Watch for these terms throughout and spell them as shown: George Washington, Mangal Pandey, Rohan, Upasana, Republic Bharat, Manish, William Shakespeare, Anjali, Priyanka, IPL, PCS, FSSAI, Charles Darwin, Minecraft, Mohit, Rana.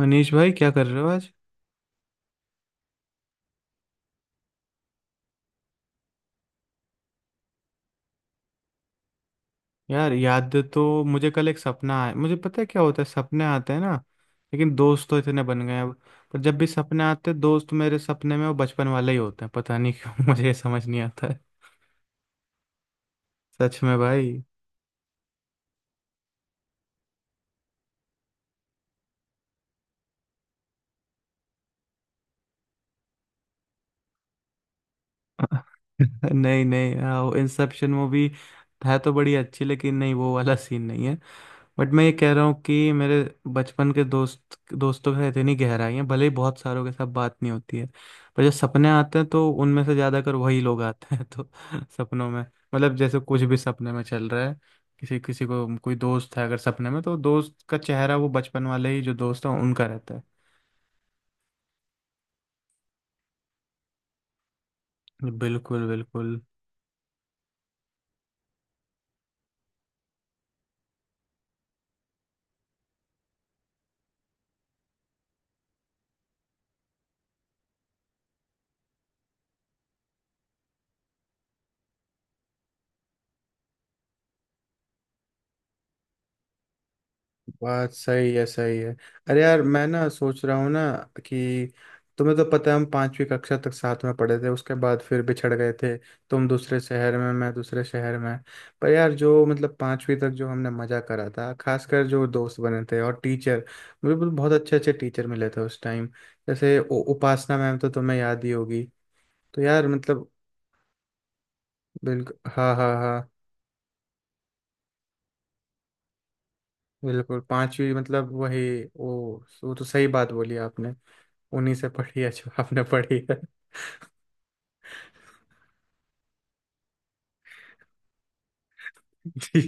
मनीष भाई क्या कर रहे हो आज? यार याद तो मुझे कल एक सपना आया। मुझे पता है क्या होता है सपने आते हैं ना। लेकिन दोस्त तो इतने बन गए हैं अब। पर जब भी सपने आते हैं दोस्त मेरे सपने में वो बचपन वाले ही होते हैं, पता नहीं क्यों मुझे ये समझ नहीं आता है। सच में भाई। नहीं नहीं हाँ, वो इंसेप्शन मूवी है तो बड़ी अच्छी, लेकिन नहीं वो वाला सीन नहीं। बट मैं ये कह रहा हूँ कि मेरे बचपन के दोस्त, दोस्तों के साथ इतनी गहराई है, भले ही बहुत सारों के साथ बात नहीं होती है। पर जब सपने आते हैं तो उनमें से ज़्यादातर वही लोग आते हैं तो सपनों में मतलब जैसे कुछ भी सपने में चल रहा है, किसी किसी को कोई दोस्त है अगर सपने में तो दोस्त का चेहरा वो बचपन वाले ही जो दोस्त है उनका रहता है। बिल्कुल बिल्कुल। बात सही है सही है। अरे यार मैं ना सोच रहा हूँ ना कि तुम्हें तो पता है हम पांचवी कक्षा तक साथ में पढ़े थे, उसके बाद फिर बिछड़ गए थे। तुम दूसरे शहर में मैं दूसरे शहर में। पर यार जो मतलब पांचवी तक जो हमने मजा करा था, खासकर जो दोस्त बने थे और टीचर। मुझे बहुत बहुत अच्छे अच्छे टीचर मिले थे उस टाइम। जैसे उपासना मैम तो तुम्हें याद ही होगी। तो यार मतलब बिल्कुल हाँ हाँ हाँ। बिल्कुल पांचवी मतलब वही। वो वो तो सही बात बोली आपने। उन्हीं से पढ़ी है जो आपने पढ़ी है। जी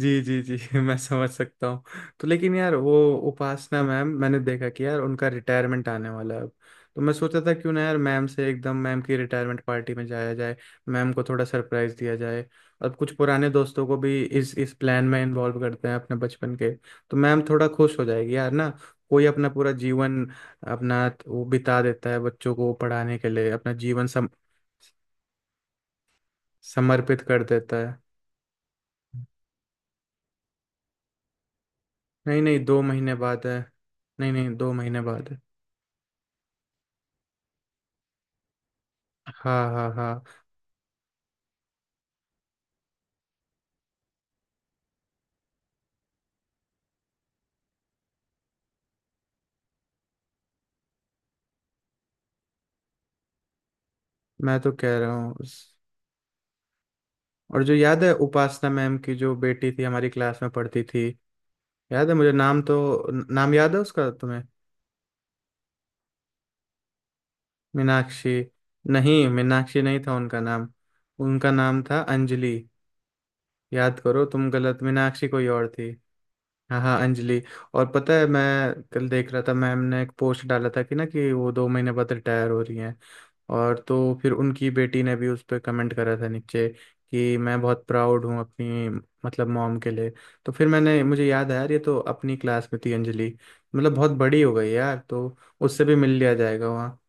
जी जी जी मैं समझ सकता हूँ। तो लेकिन यार वो उपासना मैम, मैंने देखा कि यार उनका रिटायरमेंट आने वाला है अब। तो मैं सोचा था क्यों ना यार मैम से एकदम मैम की रिटायरमेंट पार्टी में जाया जाए। मैम को थोड़ा सरप्राइज दिया जाए और कुछ पुराने दोस्तों को भी इस प्लान में इन्वॉल्व करते हैं अपने बचपन के। तो मैम थोड़ा खुश हो जाएगी यार ना। कोई अपना पूरा जीवन अपना वो बिता देता है बच्चों को पढ़ाने के लिए, अपना जीवन समर्पित कर देता है। नहीं नहीं 2 महीने बाद है। नहीं नहीं दो महीने बाद है। हाँ हाँ हाँ। मैं तो कह रहा हूँ और जो याद है उपासना मैम की जो बेटी थी हमारी क्लास में पढ़ती थी। याद है मुझे नाम तो। नाम याद है उसका तुम्हें? मीनाक्षी? नहीं मीनाक्षी नहीं था उनका नाम। उनका नाम था अंजलि। याद करो, तुम गलत, मीनाक्षी कोई और थी। हाँ हाँ अंजलि। और पता है मैं कल देख रहा था, मैम ने एक पोस्ट डाला था कि ना कि वो 2 महीने बाद रिटायर हो रही हैं। और तो फिर उनकी बेटी ने भी उस पर कमेंट करा था नीचे कि मैं बहुत प्राउड हूँ अपनी मतलब मॉम के लिए। तो फिर मैंने मुझे याद आया यार ये तो अपनी क्लास में थी अंजलि। मतलब बहुत बड़ी हो गई यार, तो उससे भी मिल लिया जाएगा वहाँ।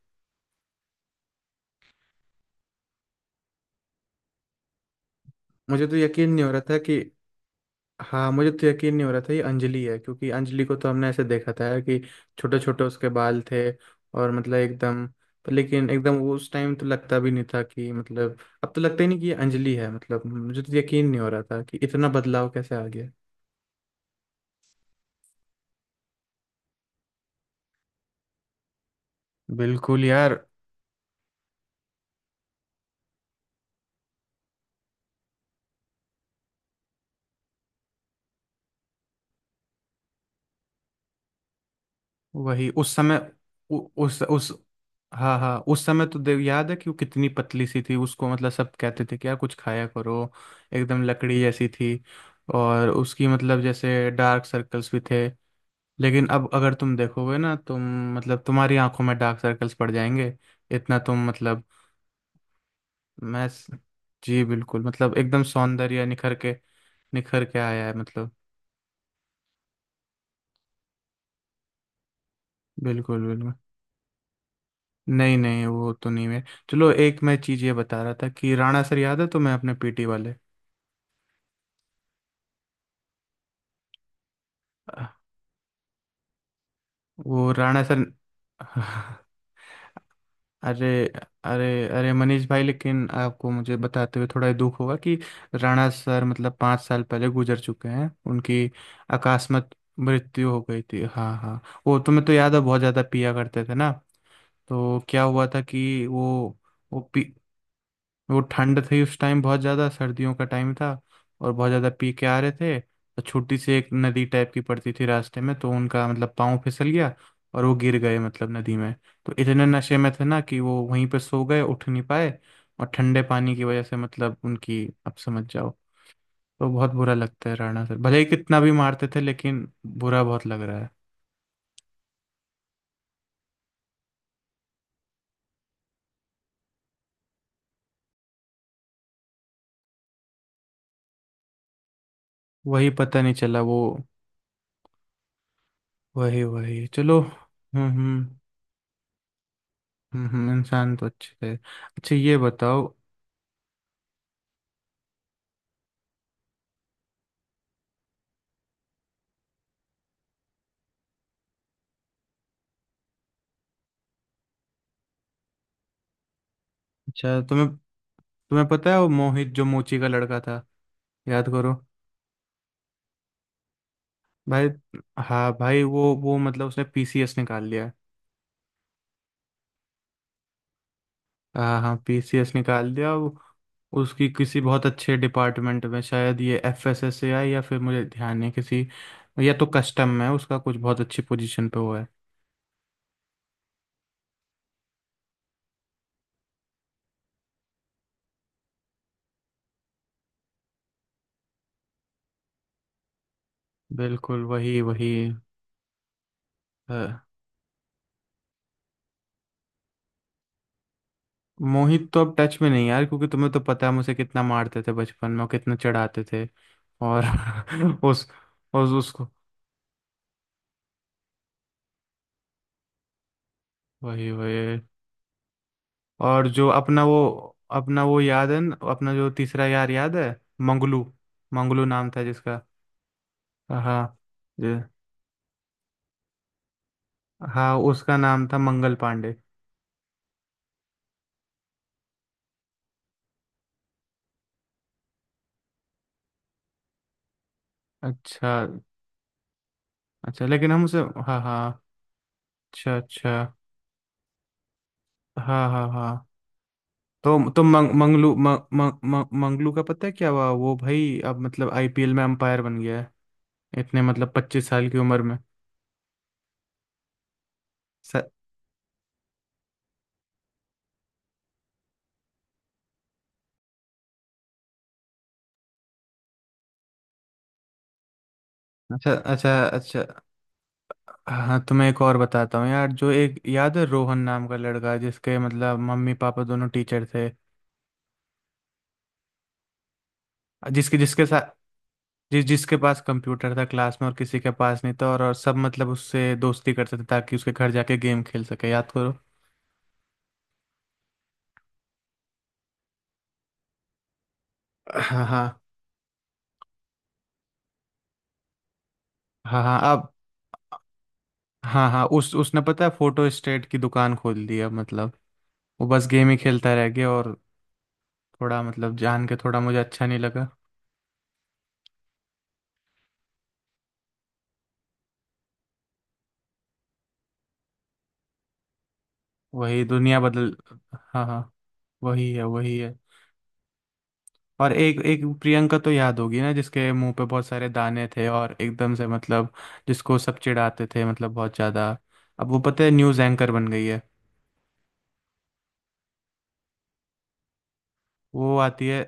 मुझे तो यकीन नहीं हो रहा था कि हाँ, मुझे तो यकीन नहीं हो रहा था ये अंजलि है, क्योंकि अंजलि को तो हमने ऐसे देखा था यार कि छोटे छोटे उसके बाल थे। और मतलब एकदम पर लेकिन एकदम वो उस टाइम तो लगता भी नहीं था कि मतलब, अब तो लगता ही नहीं कि ये अंजलि है, मतलब मुझे तो यकीन नहीं हो रहा था कि इतना बदलाव कैसे आ गया। बिल्कुल यार। वही उस समय। उ, उस हाँ हाँ उस समय तो देव याद है कि वो कितनी पतली सी थी, उसको मतलब सब कहते थे कि यार कुछ खाया करो। एकदम लकड़ी जैसी थी। और उसकी मतलब जैसे डार्क सर्कल्स भी थे। लेकिन अब अगर तुम देखोगे ना, तुम मतलब तुम्हारी आंखों में डार्क सर्कल्स पड़ जाएंगे, इतना तुम मतलब मैं जी बिल्कुल मतलब एकदम सौंदर्य निखर के आया है मतलब। बिल्कुल बिल्कुल। नहीं नहीं वो तो नहीं है। चलो, एक मैं चीज़ ये बता रहा था कि राणा सर याद है तुम्हें अपने पीटी वाले? अह, वो राणा सर। अरे अरे अरे मनीष भाई लेकिन आपको मुझे बताते हुए थोड़ा दुख होगा कि राणा सर मतलब 5 साल पहले गुजर चुके हैं। उनकी अकस्मात मृत्यु हो गई थी। हाँ हाँ। वो तुम्हें तो याद है बहुत ज़्यादा पिया करते थे ना। तो क्या हुआ था कि वो पी, वो ठंड थी उस टाइम, बहुत ज़्यादा सर्दियों का टाइम था। और बहुत ज़्यादा पी के आ रहे थे, तो छोटी सी एक नदी टाइप की पड़ती थी रास्ते में, तो उनका मतलब पाँव फिसल गया और वो गिर गए मतलब नदी में। तो इतने नशे में थे ना कि वो वहीं पे सो गए, उठ नहीं पाए। और ठंडे पानी की वजह से मतलब उनकी आप समझ जाओ। तो बहुत बुरा लगता है, राणा सर भले ही कितना भी मारते थे लेकिन बुरा बहुत लग रहा है। वही पता नहीं चला वो। वही वही चलो। इंसान तो अच्छे थे। अच्छा ये बताओ। अच्छा, तुम्हें तुम्हें पता है वो मोहित जो मोची का लड़का था? याद करो। भाई। हाँ भाई, वो मतलब उसने पीसीएस निकाल लिया है। हाँ हाँ पीसीएस निकाल लिया वो। उसकी किसी बहुत अच्छे डिपार्टमेंट में शायद ये एफएसएसएआई या फिर मुझे ध्यान नहीं किसी या तो कस्टम में, उसका कुछ बहुत अच्छी पोजीशन पे हुआ है। बिल्कुल वही वही। हाँ। मोहित तो अब टच में नहीं यार, क्योंकि तुम्हें तो पता है मुझे कितना मारते थे बचपन में और कितना चढ़ाते थे। और उस उस उसको वही वही। और जो अपना वो याद है अपना जो तीसरा यार याद है? मंगलू। मंगलू नाम था जिसका। हाँ। जे- हाँ उसका नाम था मंगल पांडे। अच्छा अच्छा लेकिन हम उसे। हाँ हाँ। अच्छा अच्छा। हाँ हाँ हाँ। तो मंग, मंगलू मंग, मंग, मंग- मंगलू का पता है क्या हुआ? वो भाई अब मतलब आईपीएल में अंपायर बन गया है। इतने मतलब 25 साल की उम्र में। स- अच्छा अच्छा अच्छा। हाँ तो मैं एक और बताता हूँ यार, जो एक याद है रोहन नाम का लड़का जिसके मतलब मम्मी पापा दोनों टीचर थे। जिसके जिसके साथ जिस जिसके पास कंप्यूटर था क्लास में और किसी के पास नहीं था, और सब मतलब उससे दोस्ती करते थे ताकि उसके घर जाके गेम खेल सके, याद करो। हाँ हाँ हाँ हाँ। अब हाँ हाँ, उस उसने पता है फोटो स्टेट की दुकान खोल दी अब मतलब। वो बस गेम ही खेलता रह गया। और थोड़ा मतलब जान के थोड़ा मुझे अच्छा नहीं लगा। वही दुनिया बदल। हाँ हाँ। वही है वही है। और एक एक प्रियंका तो याद होगी ना, जिसके मुंह पे बहुत सारे दाने थे और एकदम से मतलब जिसको सब चिढ़ाते थे मतलब बहुत ज्यादा। अब वो पता है न्यूज़ एंकर बन गई है। वो आती है।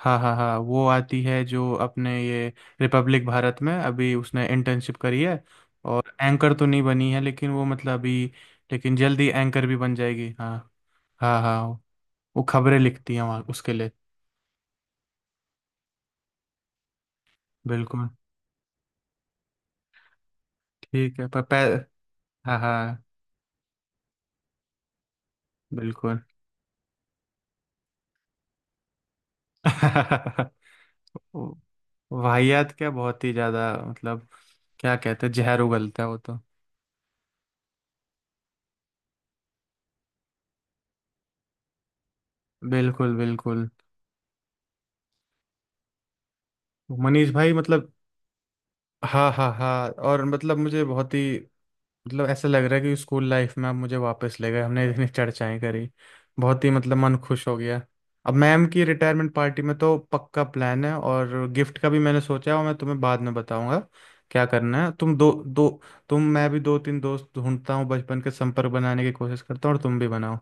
हाँ हाँ हाँ वो आती है, जो अपने ये रिपब्लिक भारत में अभी उसने इंटर्नशिप करी है। और एंकर तो नहीं बनी है लेकिन वो मतलब अभी, लेकिन जल्दी एंकर भी बन जाएगी, हाँ हाँ हाँ। वो खबरें लिखती हैं वहाँ उसके लिए। बिल्कुल। ठीक है पर हाँ हाँ। बिल्कुल। वो- वाहियात, क्या बहुत ही ज्यादा मतलब क्या कहते हैं जहर उगलता है वो तो। बिल्कुल बिल्कुल। मनीष भाई मतलब। हाँ हाँ हाँ। और मतलब मुझे बहुत ही मतलब ऐसा लग रहा है कि स्कूल लाइफ में आप मुझे वापस ले गए, हमने इतनी चर्चाएं करी। बहुत ही मतलब मन खुश हो गया। अब मैम की रिटायरमेंट पार्टी में तो पक्का प्लान है और गिफ्ट का भी मैंने सोचा है और मैं तुम्हें बाद में बताऊंगा क्या करना है, तुम दो दो। तुम मैं भी दो तीन दोस्त ढूंढता हूँ बचपन के, संपर्क बनाने की कोशिश करता हूँ और तुम भी बनाओ।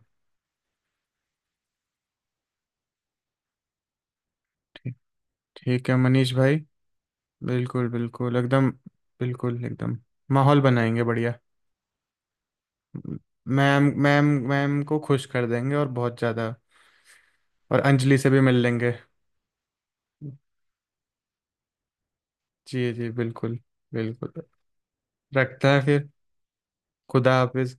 ठीक है मनीष भाई। बिल्कुल बिल्कुल एकदम। बिल्कुल एकदम। माहौल बनाएंगे बढ़िया। मैम मैम मैम को खुश कर देंगे और बहुत ज़्यादा। और अंजलि से भी मिल लेंगे। जी जी बिल्कुल। बिल्कुल रखते हैं फिर। खुदा हाफिज।